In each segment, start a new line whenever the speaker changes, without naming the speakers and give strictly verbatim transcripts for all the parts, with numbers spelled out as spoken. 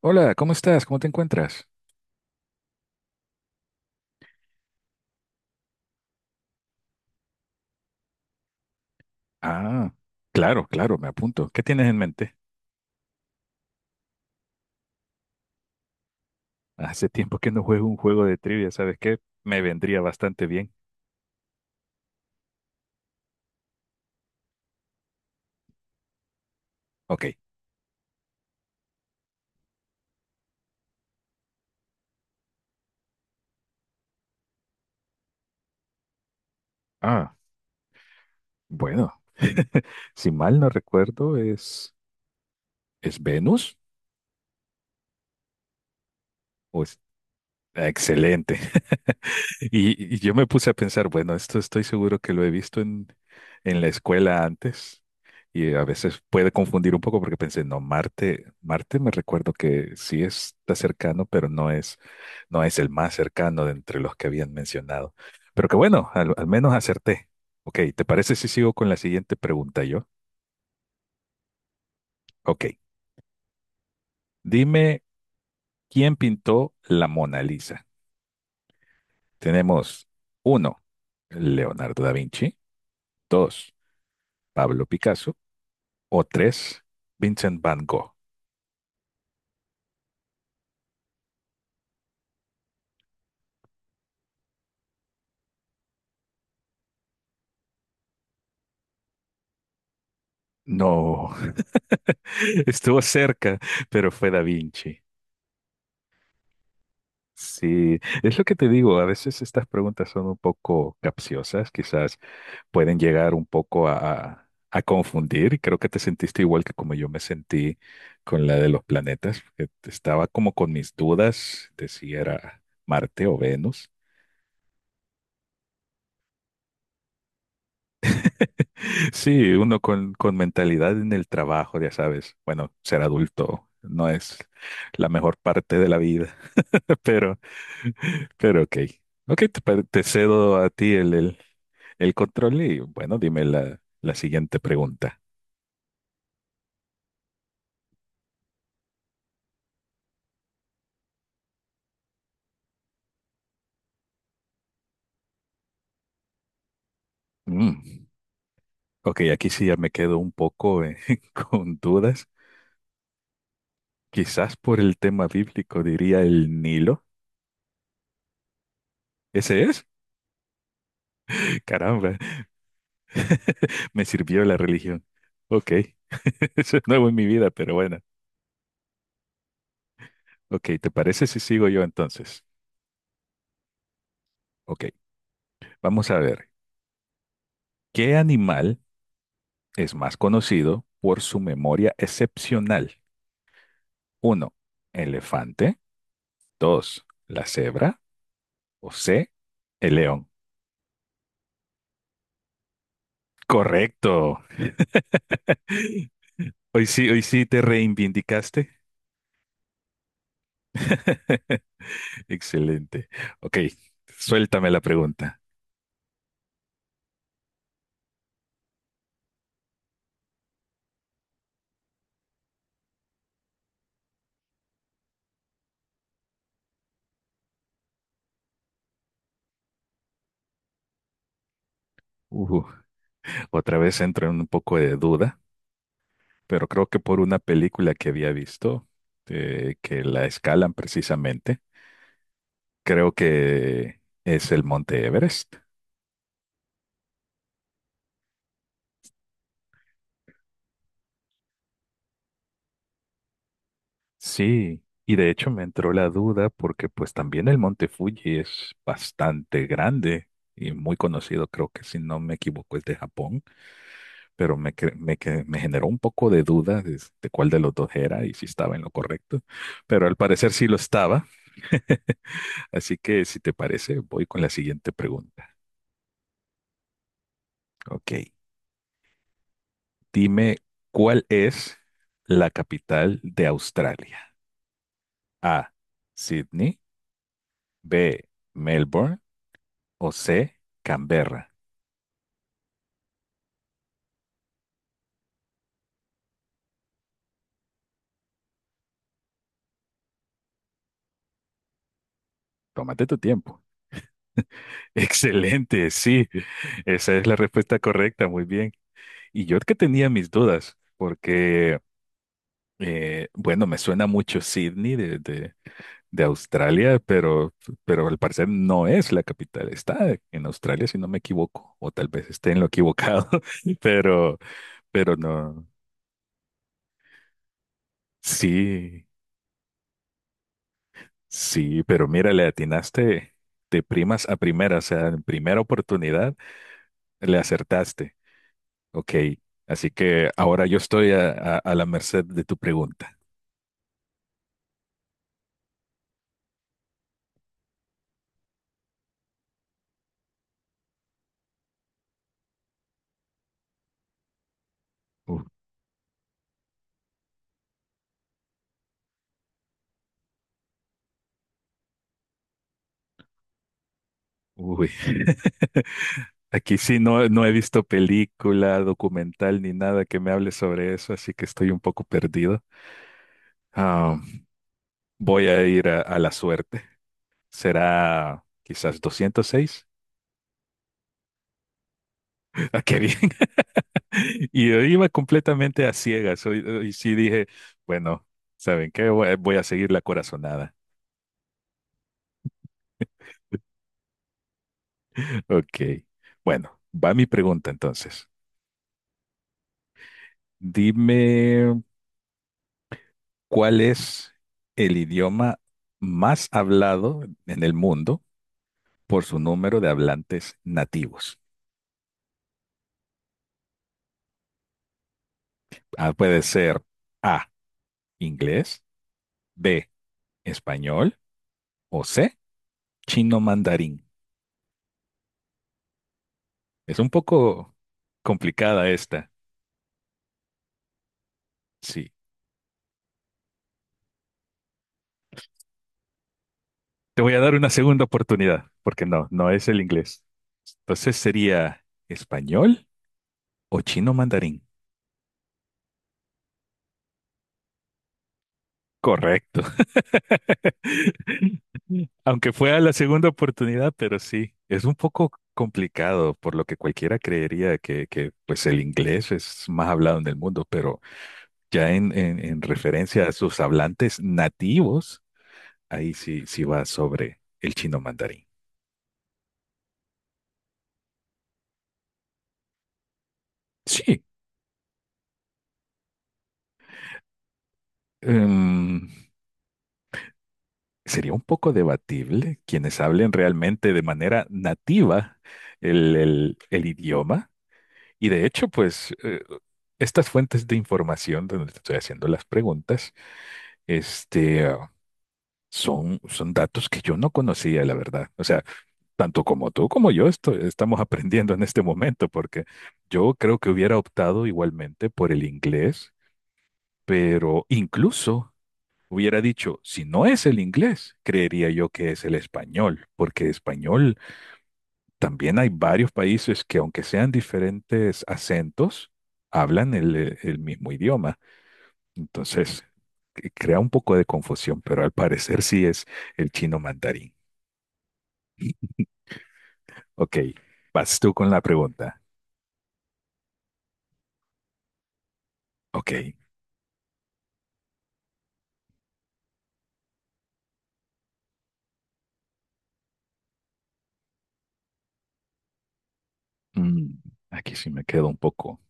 Hola, ¿cómo estás? ¿Cómo te encuentras? Ah, claro, claro, me apunto. ¿Qué tienes en mente? Hace tiempo que no juego un juego de trivia, ¿sabes qué? Me vendría bastante bien. Ok. Ah, bueno. Si mal no recuerdo, es, ¿es Venus? ¿O es, ah, excelente. Y, y yo me puse a pensar, bueno, esto estoy seguro que lo he visto en, en la escuela antes, y a veces puede confundir un poco porque pensé, no, Marte, Marte, me recuerdo que sí está cercano, pero no es, no es el más cercano de entre los que habían mencionado. Pero que bueno, al, al menos acerté. Ok, ¿te parece si sigo con la siguiente pregunta yo? Ok, dime, ¿quién pintó la Mona Lisa? Tenemos uno, Leonardo da Vinci. Dos, Pablo Picasso. O tres, Vincent Van Gogh. No, estuvo cerca, pero fue Da Vinci. Sí, es lo que te digo, a veces estas preguntas son un poco capciosas, quizás pueden llegar un poco a, a- a confundir, y creo que te sentiste igual que como yo me sentí con la de los planetas, que estaba como con mis dudas de si era Marte o Venus. Sí, uno con, con mentalidad en el trabajo, ya sabes. Bueno, ser adulto no es la mejor parte de la vida, pero, pero ok. Ok, te, pa- te cedo a ti el, el, el control y bueno, dime la, la siguiente pregunta. Mm. Ok, aquí sí ya me quedo un poco eh, con dudas. Quizás por el tema bíblico diría el Nilo. ¿Ese es? Caramba, me sirvió la religión. Ok, eso es nuevo en mi vida, pero bueno. Ok, ¿te parece si sigo yo entonces? Ok, vamos a ver. ¿Qué animal es más conocido por su memoria excepcional? Uno, elefante. Dos, la cebra. O C, el león. Correcto. Hoy sí, hoy sí te reivindicaste. Excelente. Ok, suéltame la pregunta. Ujú, otra vez entro en un poco de duda, pero creo que por una película que había visto, eh, que la escalan precisamente. Creo que es el Monte Everest. Sí, y de hecho me entró la duda porque pues también el Monte Fuji es bastante grande y muy conocido, creo que si no me equivoco es de Japón, pero me, cre- me, que- me generó un poco de duda de, de cuál de los dos era y si estaba en lo correcto, pero al parecer sí lo estaba. Así que si te parece, voy con la siguiente pregunta. Ok, dime cuál es la capital de Australia. A, Sydney. B, Melbourne. O C, Canberra. Tómate tu tiempo. Excelente, sí, esa es la respuesta correcta, muy bien. Y yo que tenía mis dudas, porque, eh, bueno, me suena mucho Sydney de, de- de Australia, pero, pero al parecer no es la capital, está en Australia, si no me equivoco, o tal vez esté en lo equivocado, pero, pero no, sí, sí, pero mira, le atinaste de primas a primeras, o sea, en primera oportunidad. Le acertaste. Ok. Así que ahora yo estoy a, a- a la merced de tu pregunta. U- Uy. Aquí sí no, no he visto película, documental ni nada que me hable sobre eso, así que estoy un poco perdido. Ah, voy a ir a, a la suerte. Será quizás doscientos seis. Ah, qué bien. Y yo iba completamente a ciegas. o- o- Y sí dije, bueno, ¿saben qué? Voy a voy a seguir la corazonada. Ok. Bueno, va mi pregunta entonces. Dime, ¿cuál es el idioma más hablado en el mundo por su número de hablantes nativos? Ah, puede ser A, inglés, B, español o C, chino mandarín. Es un poco complicada esta. Sí. Te voy a dar una segunda oportunidad, porque no, no es el inglés. Entonces sería español o chino mandarín. Correcto. Aunque fue a la segunda oportunidad, pero sí, es un poco complicado, por lo que cualquiera creería que, que, pues el inglés es más hablado en el mundo, pero ya en, en- en referencia a sus hablantes nativos, ahí sí, sí va sobre el chino mandarín. Sí. Em, sería un poco debatible quienes hablen realmente de manera nativa el, el- el idioma. Y de hecho, pues eh, estas fuentes de información donde te estoy haciendo las preguntas, este, ah, son, son datos que yo no conocía, la verdad. O sea, tanto como tú como yo esto- estamos aprendiendo en este momento, porque yo creo que hubiera optado igualmente por el inglés, pero incluso hubiera dicho, si no es el inglés, creería yo que es el español, porque español también hay varios países que aunque sean diferentes acentos, hablan el, eh, el mismo idioma. Entonces, que crea un poco de confusión, pero al parecer sí es el chino mandarín. Ok, vas tú con la pregunta. Ok, mm, aquí sí me quedo un poco.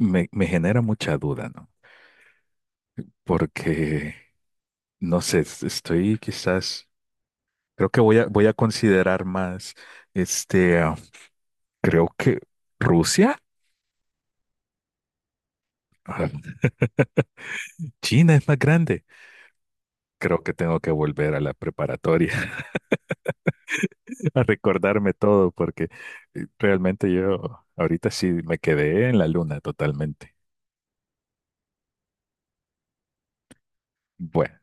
Me, me genera mucha duda, ¿no? Porque, no sé, estoy quizás. Creo que voy a, voy a considerar más, este, ah, creo que Rusia. Ah, China es más grande. Creo que tengo que volver a la preparatoria a recordarme todo porque eh, realmente yo ahorita sí me quedé en la luna totalmente. Bueno,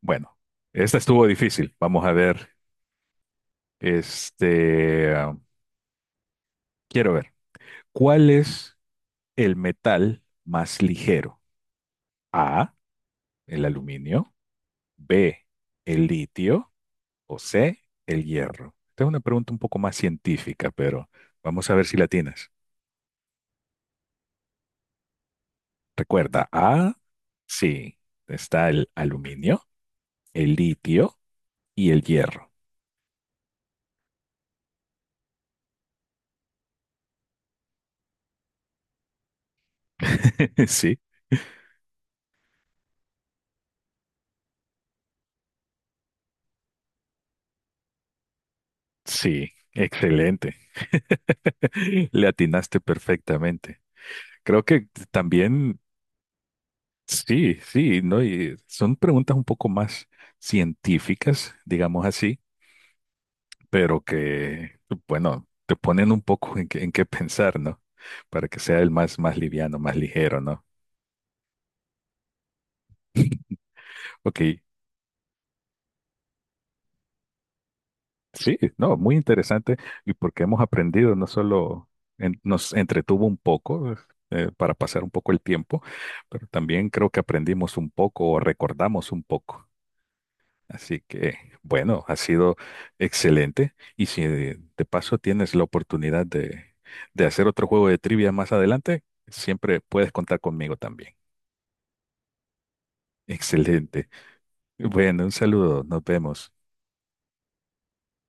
bueno, esta estuvo difícil. Vamos a ver, este, ah, quiero ver, ¿cuál es el metal más ligero? A, el aluminio, B, el litio, o C, el hierro. Esta es una pregunta un poco más científica, pero vamos a ver si la tienes. Recuerda, A, sí, está el aluminio, el litio y el hierro. Sí, sí, excelente. Le atinaste perfectamente. Creo que también, sí, sí, ¿no? Y son preguntas un poco más científicas, digamos así, pero que, bueno, te ponen un poco en qué, en qué pensar, ¿no? Para que sea el más, más liviano, más ligero, ¿no? Ok, sí, no, muy interesante, y porque hemos aprendido, no solo en- nos entretuvo un poco eh, para pasar un poco el tiempo, pero también creo que aprendimos un poco o recordamos un poco. Así que, bueno, ha sido excelente. Y si de paso tienes la oportunidad de, de hacer otro juego de trivia más adelante, siempre puedes contar conmigo también. Excelente. Bueno, un saludo. Nos vemos.